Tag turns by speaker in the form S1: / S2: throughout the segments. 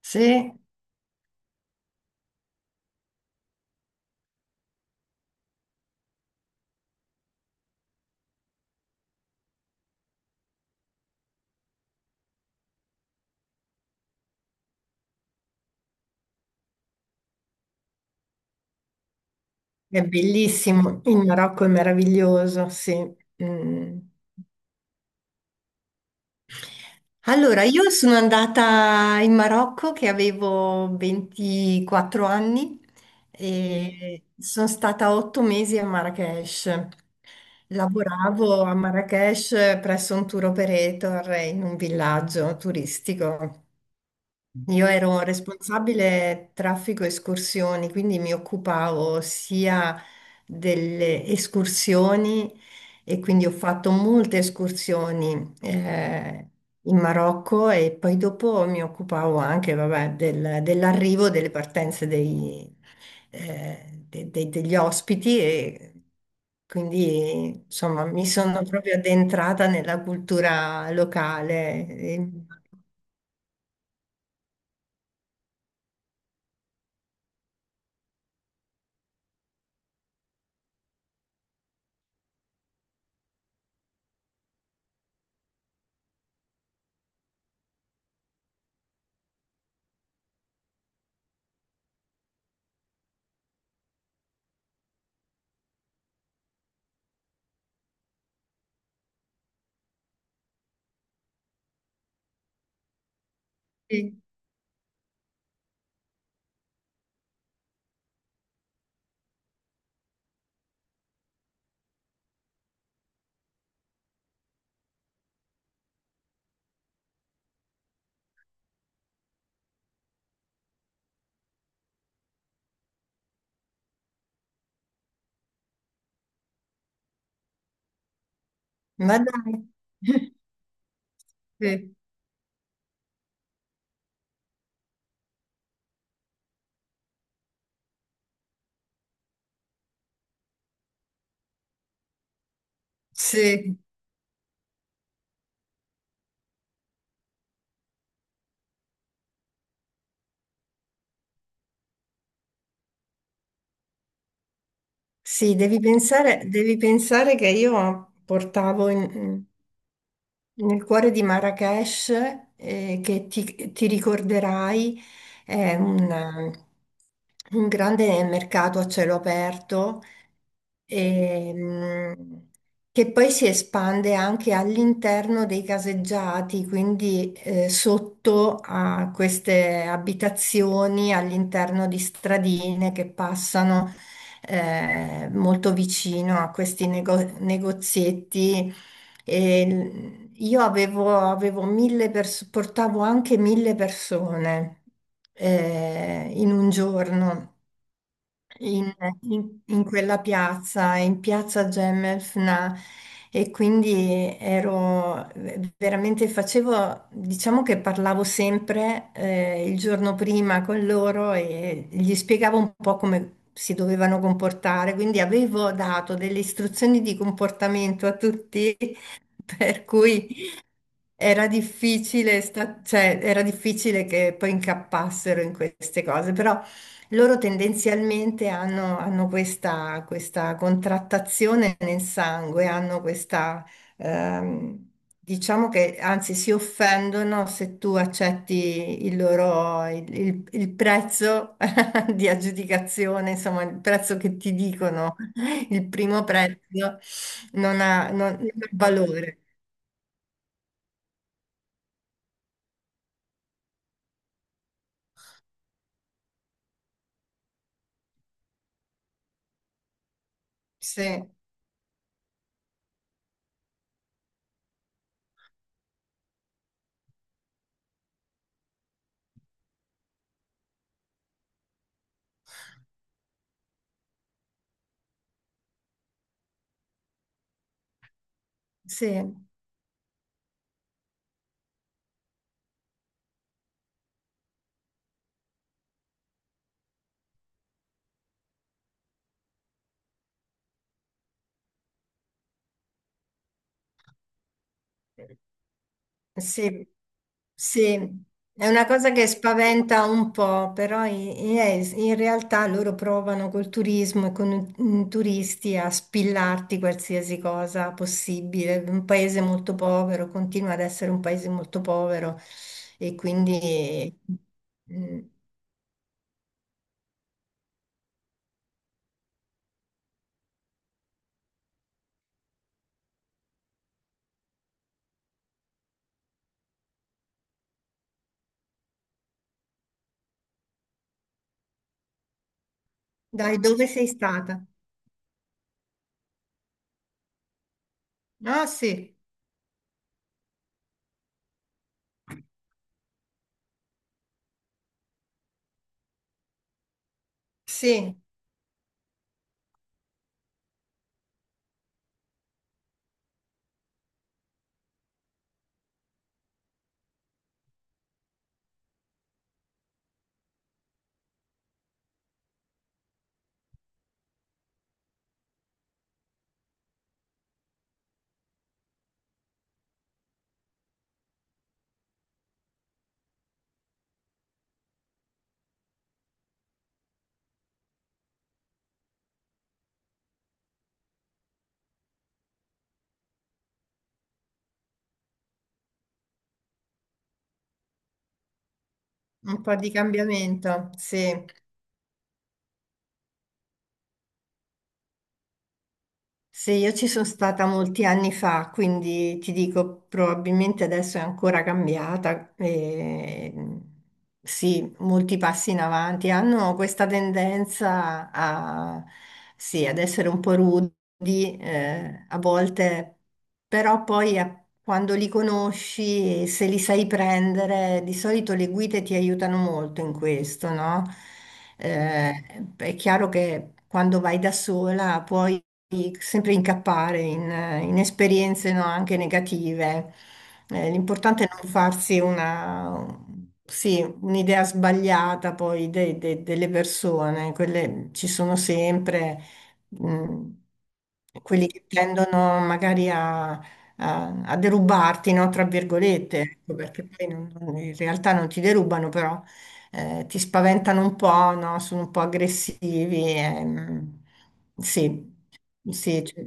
S1: Sì, è bellissimo, il Marocco è meraviglioso, sì. Mm. Allora, io sono andata in Marocco che avevo 24 anni, e sono stata 8 mesi a Marrakech. Lavoravo a Marrakech presso un tour operator in un villaggio turistico. Io ero responsabile traffico escursioni, quindi mi occupavo sia delle escursioni e quindi ho fatto molte escursioni in Marocco. E poi dopo mi occupavo anche, vabbè, dell'arrivo, delle partenze degli ospiti e quindi insomma mi sono proprio addentrata nella cultura locale. E- Ma dai, sì, sì, sì, devi pensare che io portavo nel cuore di Marrakesh, che ti ricorderai, è un grande mercato a cielo aperto, ehm, che poi si espande anche all'interno dei caseggiati, quindi sotto a queste abitazioni, all'interno di stradine che passano molto vicino a questi negozietti. E io avevo 1000 persone, portavo anche 1000 persone in un giorno in, in- quella piazza, in piazza Gemelfna, e quindi ero, veramente facevo, diciamo che parlavo sempre il giorno prima con loro e gli spiegavo un po' come si dovevano comportare, quindi avevo dato delle istruzioni di comportamento a tutti, per cui. Era difficile, cioè, era difficile che poi incappassero in queste cose, però loro tendenzialmente hanno questa, contrattazione nel sangue, hanno questa, ehm, diciamo che anzi si offendono se tu accetti il loro, il prezzo di aggiudicazione, insomma, il prezzo che ti dicono, il primo prezzo non ha valore. Sì, sì. Sì, sì, è una cosa che spaventa un po', però in realtà loro provano col turismo e con i turisti a spillarti qualsiasi cosa possibile. Un paese molto povero continua ad essere un paese molto povero e quindi. mm, Dai, dove sei stata? Ah, sì, sì, un po' di cambiamento, sì. Se io ci sono stata molti anni fa, quindi ti dico, probabilmente adesso è ancora cambiata. E, sì, molti passi in avanti. Hanno questa tendenza a, sì, ad essere un po' rudi, a volte. Però poi quando li conosci, e se li sai prendere, di solito le guide ti aiutano molto in questo, no? È chiaro che quando vai da sola puoi sempre incappare in esperienze, no, anche negative. L'importante è non farsi una. Sì, un'idea sbagliata poi delle persone, quelle ci sono sempre, mm, quelli che tendono magari a derubarti, no? Tra virgolette, ecco, perché poi in realtà non ti derubano, però ti spaventano un po', no? Sono un po' aggressivi. Sì, sì, cioè.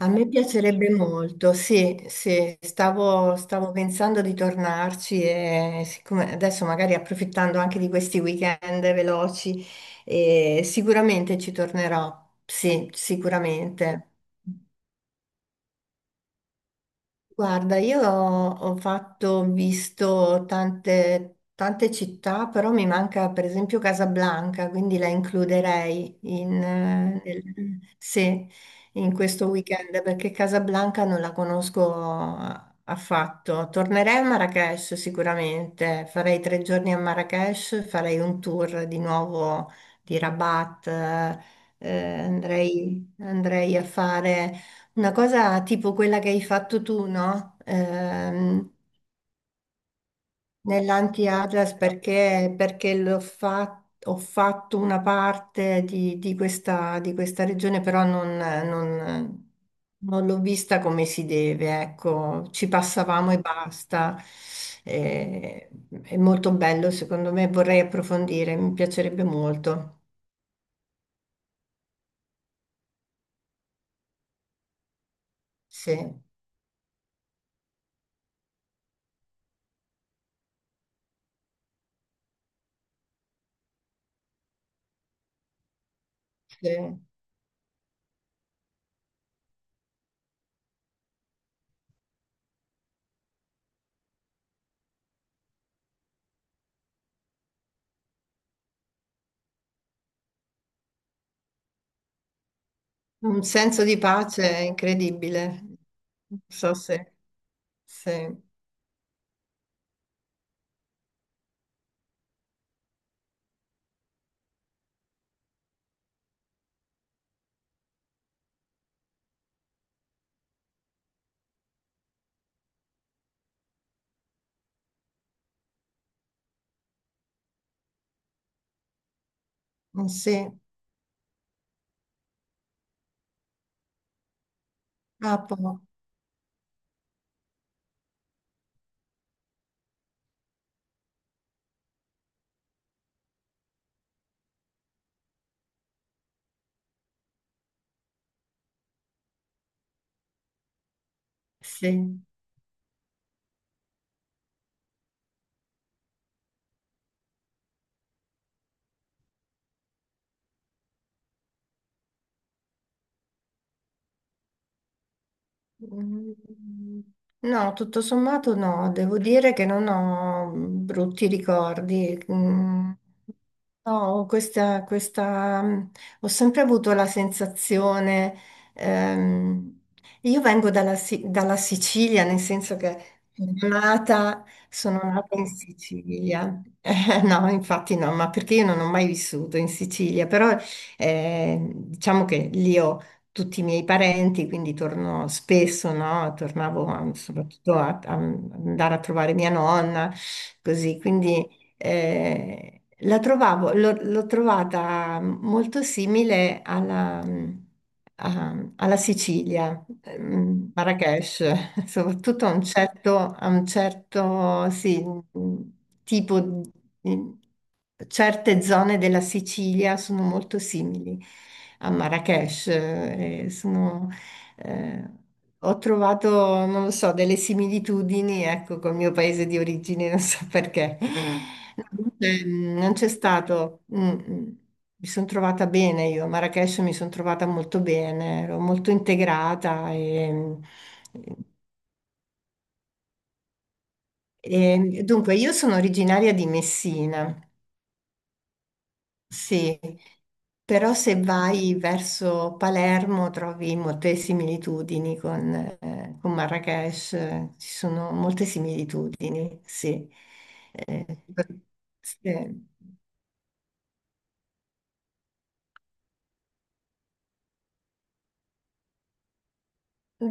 S1: A me piacerebbe molto, sì, sì, stavo pensando di tornarci, e siccome adesso magari approfittando anche di questi weekend veloci, sicuramente ci tornerò, sì, sicuramente. Guarda, io ho fatto, ho visto tante, tante città, però mi manca per esempio Casablanca, quindi la includerei sì, in questo weekend, perché Casablanca non la conosco affatto. Tornerei a Marrakech sicuramente, farei 3 giorni a Marrakech, farei un tour di nuovo di Rabat, andrei a fare. Una cosa tipo quella che hai fatto tu, no? Nell'anti-Atlas perché ho fatto una parte di questa, regione, però non l'ho vista come si deve, ecco, ci passavamo e basta. Eh, è molto bello, secondo me, vorrei approfondire, mi piacerebbe molto. Sì, sì. Un senso di pace incredibile. Non so se, sì. Mm, sì, ah, sì. Mm, no, tutto sommato no, devo dire che non ho brutti ricordi. Mm, no, ho sempre avuto la sensazione, ehm, io vengo dalla, dalla Sicilia, nel senso che sono sono nata in Sicilia. No, infatti no, ma perché io non ho mai vissuto in Sicilia, però diciamo che lì ho tutti i miei parenti, quindi torno spesso, no? Tornavo soprattutto a andare a trovare mia nonna, così, quindi. Eh, la trovavo, l'ho trovata molto simile alla Sicilia, Marrakech, soprattutto a un certo, sì, tipo, di- certe zone della Sicilia sono molto simili a Marrakech, eh, ho trovato, non lo so, delle similitudini, ecco, col mio paese di origine, non so perché. Non c'è stato. Mm, mm. Mi sono trovata bene io, a Marrakech mi sono trovata molto bene, ero molto integrata e, e- e dunque io sono originaria di Messina. Sì, però se vai verso Palermo trovi molte similitudini con Marrakech, ci sono molte similitudini, sì. Eh, sì.